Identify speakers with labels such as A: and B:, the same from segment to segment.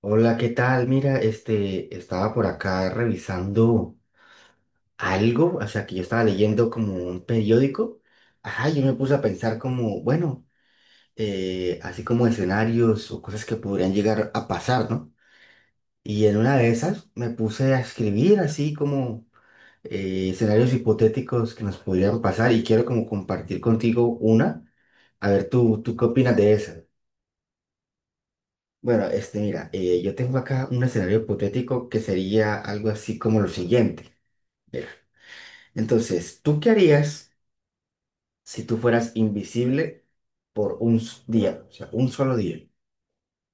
A: Hola, ¿qué tal? Mira, este, estaba por acá revisando algo, o sea, que yo estaba leyendo como un periódico. Ajá, yo me puse a pensar como, bueno, así como escenarios o cosas que podrían llegar a pasar, ¿no? Y en una de esas me puse a escribir así como escenarios hipotéticos que nos podrían pasar y quiero como compartir contigo una. A ver, ¿tú qué opinas de esa? Bueno, este, mira, yo tengo acá un escenario hipotético que sería algo así como lo siguiente. Mira, entonces, ¿tú qué harías si tú fueras invisible por un día? O sea, un solo día.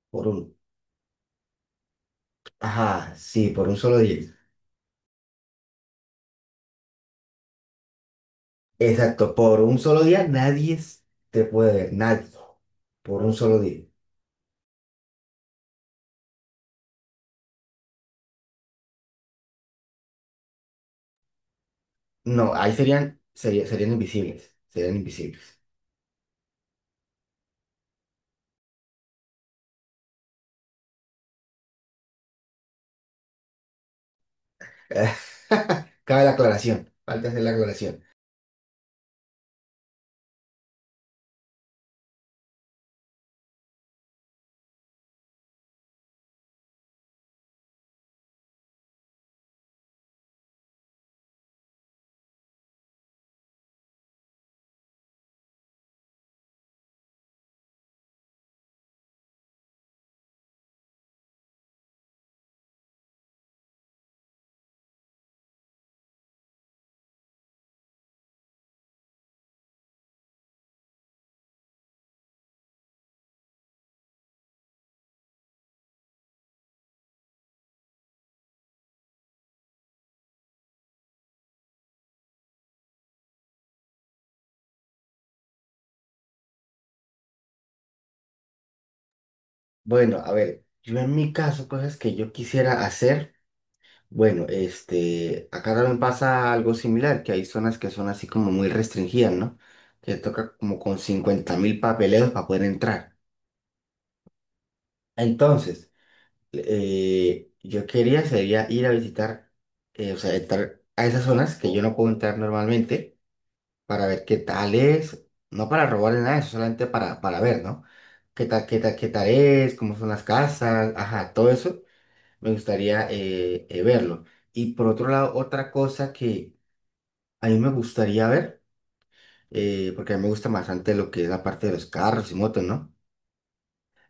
A: Por un. Ajá, sí, por un solo día. Exacto, por un solo día nadie te puede ver, nadie. Por un solo día. No, ahí serían invisibles, serían invisibles. Cabe la aclaración, falta hacer la aclaración. Bueno, a ver, yo en mi caso, cosas que yo quisiera hacer, bueno, este, acá también pasa algo similar, que hay zonas que son así como muy restringidas, ¿no? Que toca como con 50.000 papeleos para poder entrar. Entonces, yo quería sería ir a visitar, o sea, entrar a esas zonas que yo no puedo entrar normalmente para ver qué tal es, no para robarle nada, de eso solamente para ver, ¿no? ¿Qué tal, qué tal, qué tal es? ¿Cómo son las casas? Ajá, todo eso me gustaría verlo. Y por otro lado, otra cosa que a mí me gustaría ver, porque a mí me gusta bastante lo que es la parte de los carros y motos, ¿no?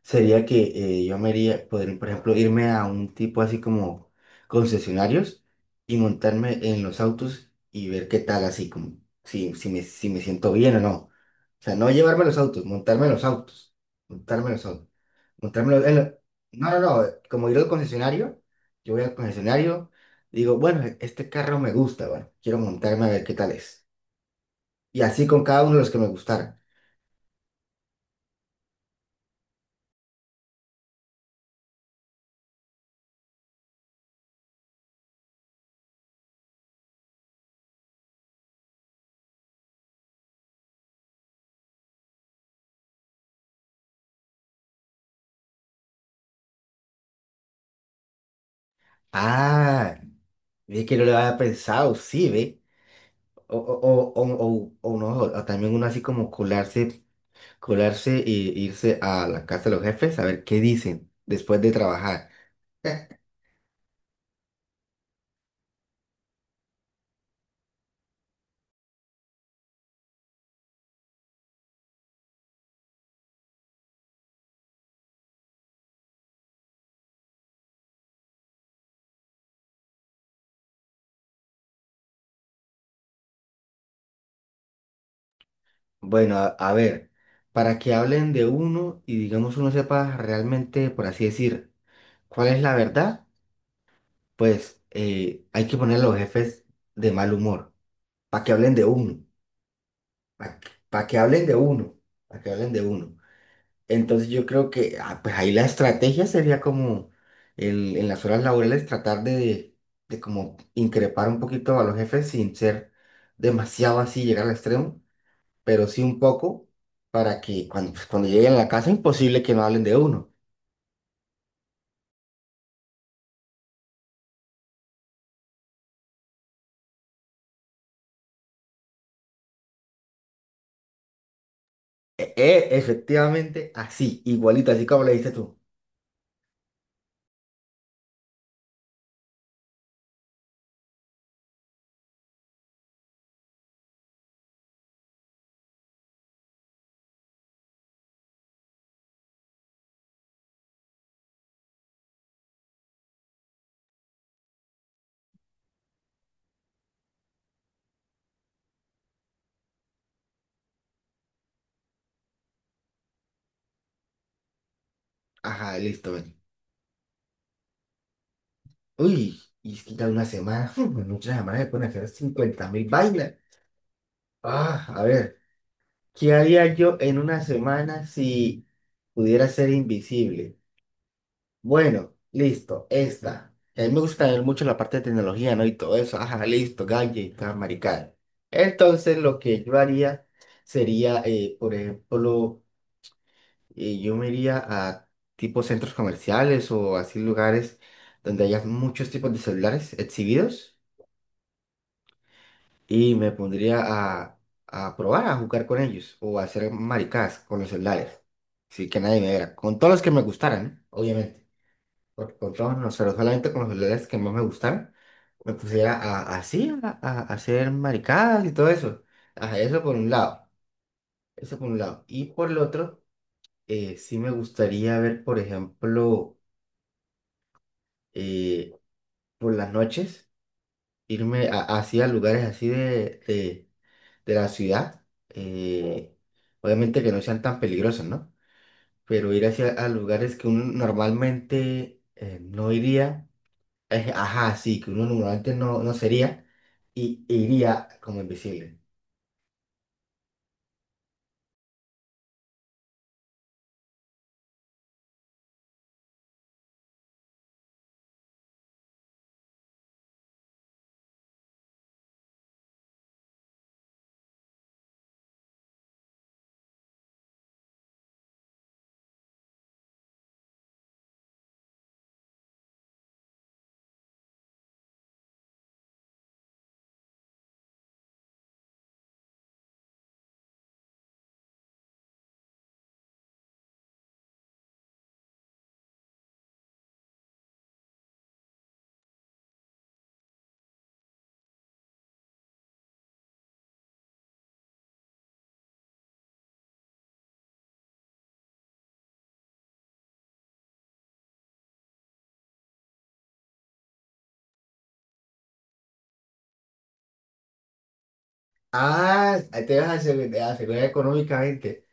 A: Sería que yo me haría, poder, por ejemplo, irme a un tipo así como concesionarios y montarme en los autos y ver qué tal, así como si me, si me siento bien o no. O sea, no llevarme los autos, montarme en los autos, montarme en los autos, montarme en los- No, no, no, como ir al concesionario, yo voy al concesionario, digo, bueno, este carro me gusta, bueno, quiero montarme a ver qué tal es. Y así con cada uno de los que me gustaran. Ah, es que no lo había pensado, sí, ve. O no, o también uno así como colarse, colarse y irse a la casa de los jefes a ver qué dicen después de trabajar. Bueno, a ver, para que hablen de uno y digamos uno sepa realmente, por así decir, cuál es la verdad, pues hay que poner a los jefes de mal humor, para que hablen de uno, para que hablen de uno, para que hablen de uno. Entonces yo creo que pues ahí la estrategia sería como en las horas laborales tratar de como increpar un poquito a los jefes sin ser demasiado así, llegar al extremo, pero sí un poco para que cuando, pues, cuando lleguen a la casa imposible que no hablen de uno. Efectivamente, así, igualito, así como le dices tú. Ajá, listo, ven. Uy, y es que ya una semana, en una semana se pueden hacer 50 mil vainas. Ah, a ver. ¿Qué haría yo en una semana si pudiera ser invisible? Bueno, listo, esta. A mí me gusta también mucho la parte de tecnología, ¿no? Y todo eso. Ajá, listo, gadgets, maricada. Entonces, lo que yo haría sería, por ejemplo, yo me iría a tipo centros comerciales o así lugares donde haya muchos tipos de celulares exhibidos. Y me pondría a probar a jugar con ellos o a hacer maricadas con los celulares, sí que nadie me viera, con todos los que me gustaran, ¿eh? Obviamente, porque con todos no, pero solamente con los celulares que más me gustaran, me pusiera a, así, a hacer maricadas y todo eso, ajá, eso por un lado, eso por un lado, y por el otro, sí me gustaría ver, por ejemplo, eh, por las noches, irme así a lugares así de la ciudad. eh, obviamente que no sean tan peligrosos, ¿no? Pero ir hacia a lugares que uno normalmente no iría, ajá, sí, que uno normalmente no sería, y iría como invisible. Ah, te vas a te asegurar económicamente.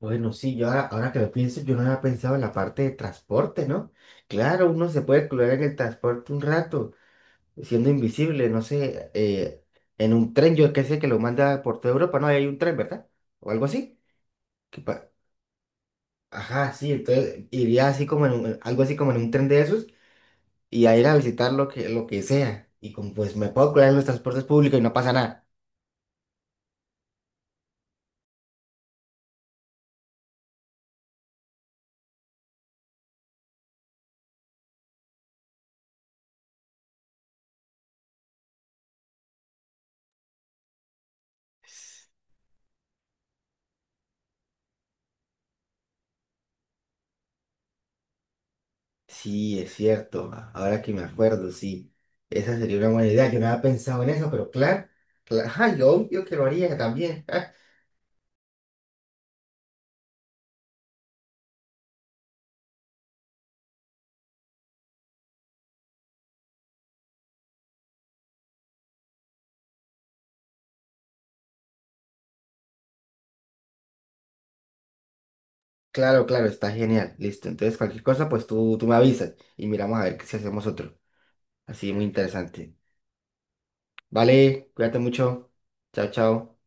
A: Bueno, sí, yo ahora, ahora que lo pienso, yo no había pensado en la parte de transporte, ¿no? Claro, uno se puede colar en el transporte un rato, siendo invisible, no sé, en un tren, yo qué sé que lo manda por toda Europa, no, ahí hay un tren, ¿verdad? O algo así. que pa- Ajá, sí, entonces iría así como en algo así como en un tren de esos y a ir a visitar lo que sea. Y como pues me puedo curar en los transportes públicos y no pasa nada. Sí, es cierto, ahora que me acuerdo, sí, esa sería una buena idea, yo no había pensado en eso, pero claro, claro, ajá, yo obvio que lo haría también. Claro, claro, está genial. Listo. Entonces, cualquier cosa, pues tú me avisas y miramos a ver si hacemos otro. Así, muy interesante. Vale, cuídate mucho. Chao, chao.